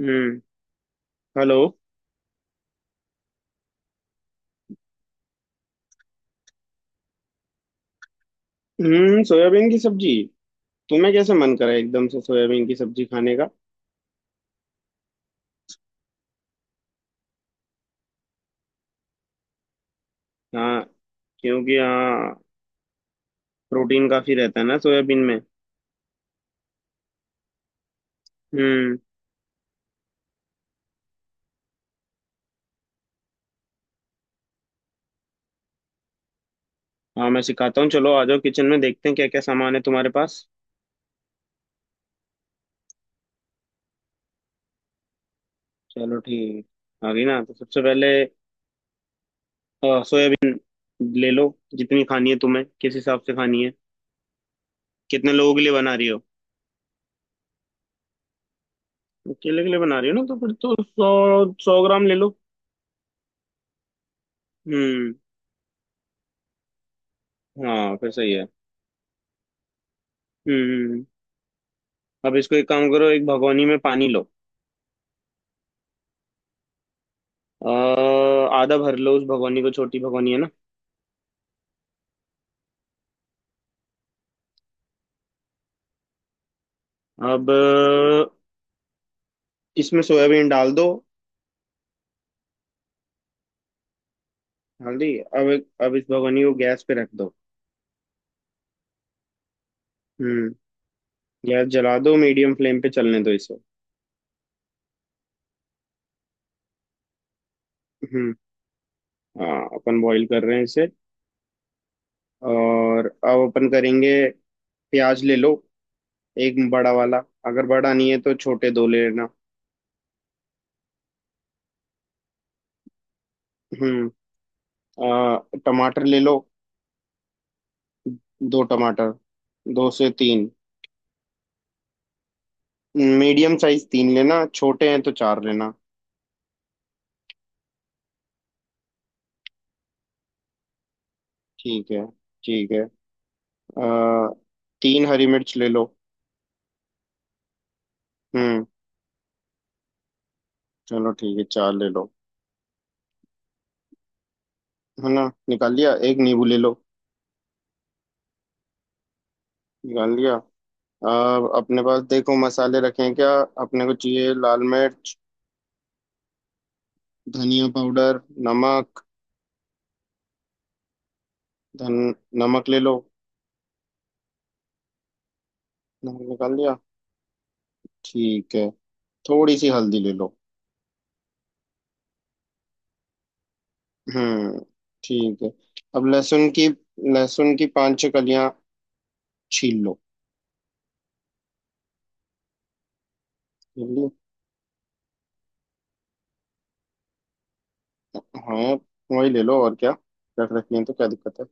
हम्म। Hello. Soybean की सब्जी। तुम्हें कैसे मन करा एकदम से सोयाबीन की सब्जी खाने का? हाँ, क्योंकि हाँ, प्रोटीन काफी रहता है ना सोयाबीन में। हम्म हाँ, मैं सिखाता हूँ, चलो आ जाओ किचन में, देखते हैं क्या क्या सामान है तुम्हारे पास। चलो ठीक। आ गई ना, तो सबसे पहले सोयाबीन ले लो। जितनी खानी है तुम्हें, किस हिसाब से खानी है? कितने लोगों के लिए बना रही हो? अकेले के लिए बना रही हो ना, तो फिर तो 100-100 ग्राम ले लो। हम्म। हाँ फिर सही है। हम्म, अब इसको एक काम करो, एक भगोनी में पानी लो। अ, आधा भर लो उस भगोनी को, छोटी भगोनी है ना। अब इसमें सोयाबीन डाल दो। हल्दी अब इस भगोनी को गैस पे रख दो। हम्म। गैस जला दो, मीडियम फ्लेम पे चलने दो इसे। हम्म हाँ, अपन बॉईल कर रहे हैं इसे, और अब अपन करेंगे प्याज ले लो, एक बड़ा वाला। अगर बड़ा नहीं है तो छोटे दो ले लेना। हम्म टमाटर ले लो। दो टमाटर, दो से तीन। मीडियम साइज तीन लेना, छोटे हैं तो चार लेना। ठीक है, ठीक है। अ, तीन हरी मिर्च ले लो। हम्म चलो ठीक है, चार ले लो। है ना, निकाल लिया। एक नींबू ले लो। निकाल लिया। अब अपने पास देखो मसाले रखे हैं क्या। अपने को चाहिए लाल मिर्च, धनिया पाउडर, नमक। धन नमक ले लो। नमक निकाल लिया। ठीक है, थोड़ी सी हल्दी ले लो। हम्म ठीक है। अब लहसुन की, लहसुन की पांच छह कलियां छील लो। हाँ वही ले लो, और क्या, रख रखी है तो क्या दिक्कत है।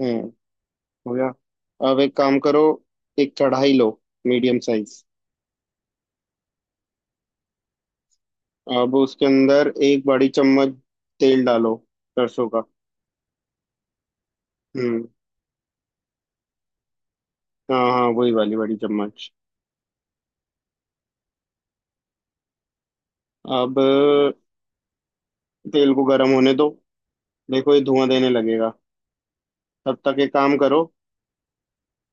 हम्म हो गया। अब एक काम करो, एक कढ़ाई लो, मीडियम साइज। अब उसके अंदर एक बड़ी चम्मच तेल डालो, सरसों का। हम्म हाँ हाँ वही वाली बड़ी चम्मच। अब तेल को गर्म होने दो, देखो ये धुआं देने लगेगा। तब तक एक काम करो,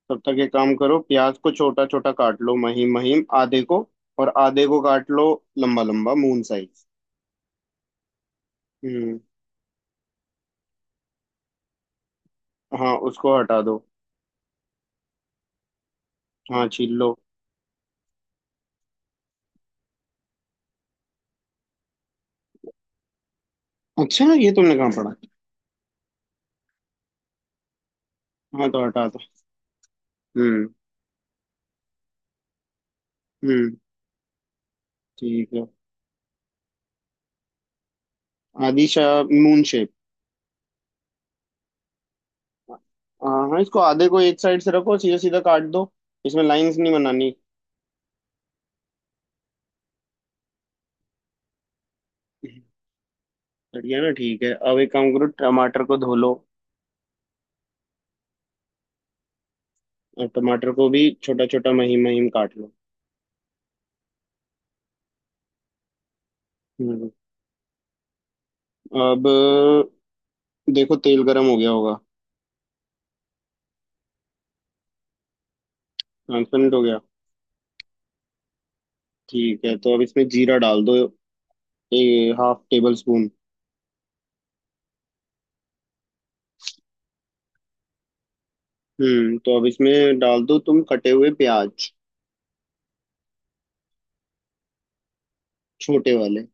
प्याज को छोटा छोटा काट लो, महीन महीन आधे को, और आधे को काट लो लंबा लंबा, मून साइज। हम्म। हाँ उसको हटा दो। हाँ छील लो। अच्छा, ये तुमने कहाँ पढ़ा? हाँ तो हटा दो। हम्म, हम्म, ठीक है। Adisha, moon shape. हाँ हाँ इसको आधे को एक साइड से रखो, सीधा सीधा काट दो, इसमें लाइंस नहीं बनानी। बढ़िया ना, ठीक है। अब एक काम करो, टमाटर को धो लो, और टमाटर को भी छोटा छोटा महीन महीन काट लो। हम्म, अब देखो तेल गरम हो गया होगा। ट्रांसपेरेंट हो गया। ठीक है, तो अब इसमें जीरा डाल दो, हाफ टेबल स्पून। तो अब इसमें डाल दो तुम कटे हुए प्याज, छोटे वाले।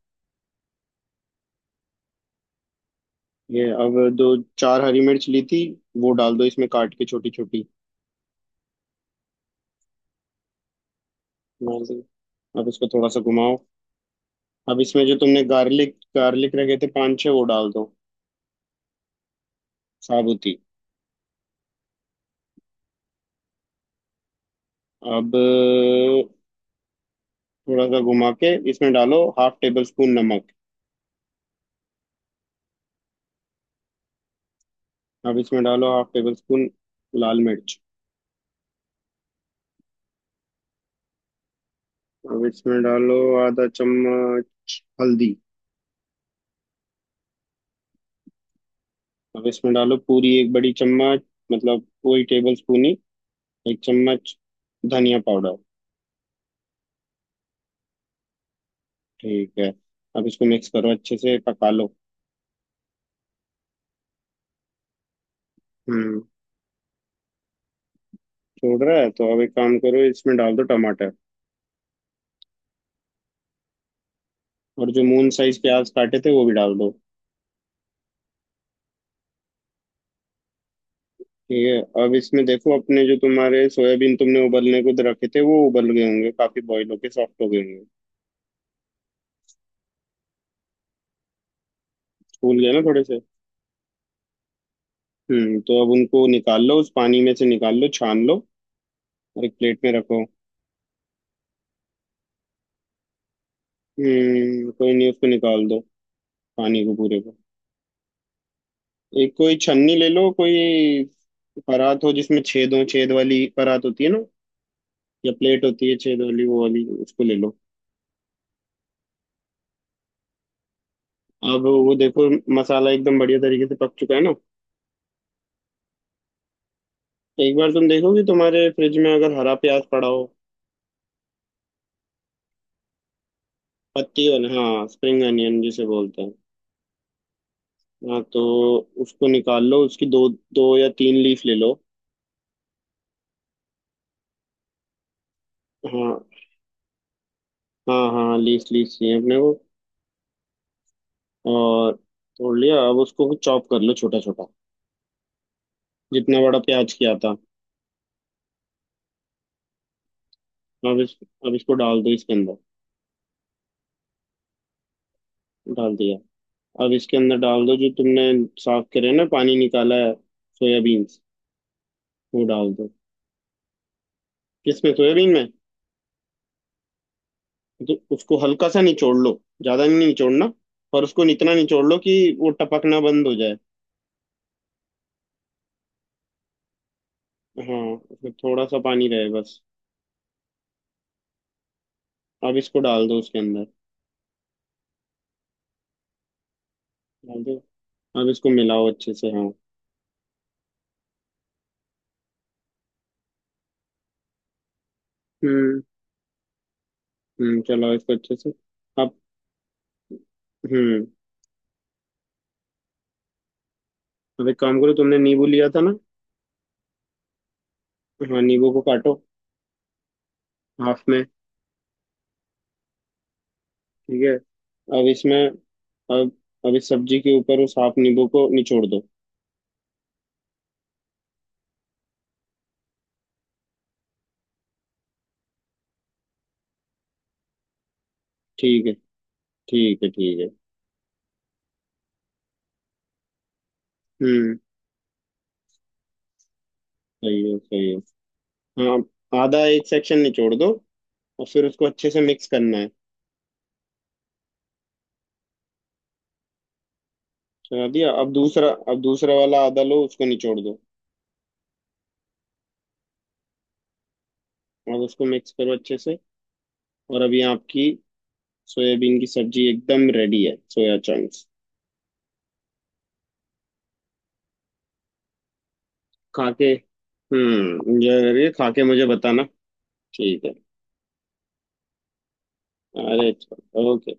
ये अब दो, चार हरी मिर्च ली थी वो डाल दो इसमें काट के छोटी छोटी। डाल दो। अब इसको थोड़ा सा घुमाओ। अब इसमें जो तुमने गार्लिक गार्लिक रखे थे पांच छह, वो डाल दो। साबुती। अब थोड़ा सा घुमा के इसमें डालो हाफ टेबल स्पून नमक। अब इसमें डालो हाफ टेबल स्पून लाल मिर्च। अब इसमें डालो आधा चम्मच हल्दी। अब इसमें डालो पूरी एक बड़ी चम्मच, मतलब वही टेबल स्पून ही, एक चम्मच, धनिया पाउडर। ठीक है, अब इसको मिक्स करो अच्छे से, पका लो। हम्म छोड़ रहा है तो अब एक काम करो, इसमें डाल दो टमाटर, और जो मून साइज प्याज काटे थे वो भी डाल दो। ठीक है, अब इसमें देखो अपने, जो तुम्हारे सोयाबीन तुमने उबलने को रखे थे वो उबल गए होंगे, काफी बॉईल होके सॉफ्ट हो गए होंगे, फूल गए ना थोड़े से। तो अब उनको निकाल लो, उस पानी में से निकाल लो, छान लो, और एक प्लेट में रखो। कोई नहीं, उसको निकाल दो, पानी को पूरे को। एक कोई छन्नी ले लो, कोई परात हो जिसमें छेद हो, छेद वाली परात होती है ना, या प्लेट होती है छेद वाली, वो वाली उसको ले लो। अब वो देखो मसाला एकदम बढ़िया तरीके से पक चुका है ना। एक बार तुम देखो कि तुम्हारे फ्रिज में अगर हरा प्याज पड़ा हो। पत्ती वाला, हाँ, स्प्रिंग अनियन जिसे बोलते हैं। हाँ तो उसको निकाल लो, उसकी दो दो या तीन लीफ ले लो। हाँ हाँ हाँ, लीफ लीफ चाहिए अपने को। और तोड़ लिया, अब उसको चॉप कर लो छोटा छोटा, जितना बड़ा प्याज किया था। अब इस अब इसको डाल दो इसके अंदर। डाल दिया। अब इसके अंदर डाल दो जो तुमने साफ करे ना, पानी निकाला है, सोयाबीन्स, वो डाल दो। किसमें? सोयाबीन में। तो उसको हल्का सा निचोड़ लो, ज्यादा नहीं निचोड़ना, पर उसको इतना निचोड़ लो कि वो टपकना बंद हो जाए। हाँ, उसमें थोड़ा सा पानी रहे बस। अब इसको डाल दो उसके अंदर। डाल दो। अब इसको मिलाओ अच्छे से। हाँ। हम्म चलाओ इसको अच्छे से। अब हम्म अब एक काम करो, तुमने नींबू लिया था ना। हाँ, नींबू को काटो, हाफ में। ठीक है। अब इसमें अब अब इस सब्जी के ऊपर उस हाफ नींबू को निचोड़ दो। ठीक है, ठीक है, ठीक है। हम्म सही है, सही है। हाँ, आधा एक सेक्शन निचोड़ दो, और फिर उसको अच्छे से मिक्स करना है। चला दिया। अब दूसरा, वाला आधा लो उसको निचोड़ दो। अब उसको मिक्स करो अच्छे से, और अभी आपकी सोयाबीन की सब्जी एकदम रेडी है, सोया चंक्स। खा के, एंजॉय करिए, खा के मुझे बताना। ठीक है। अरे, ओके।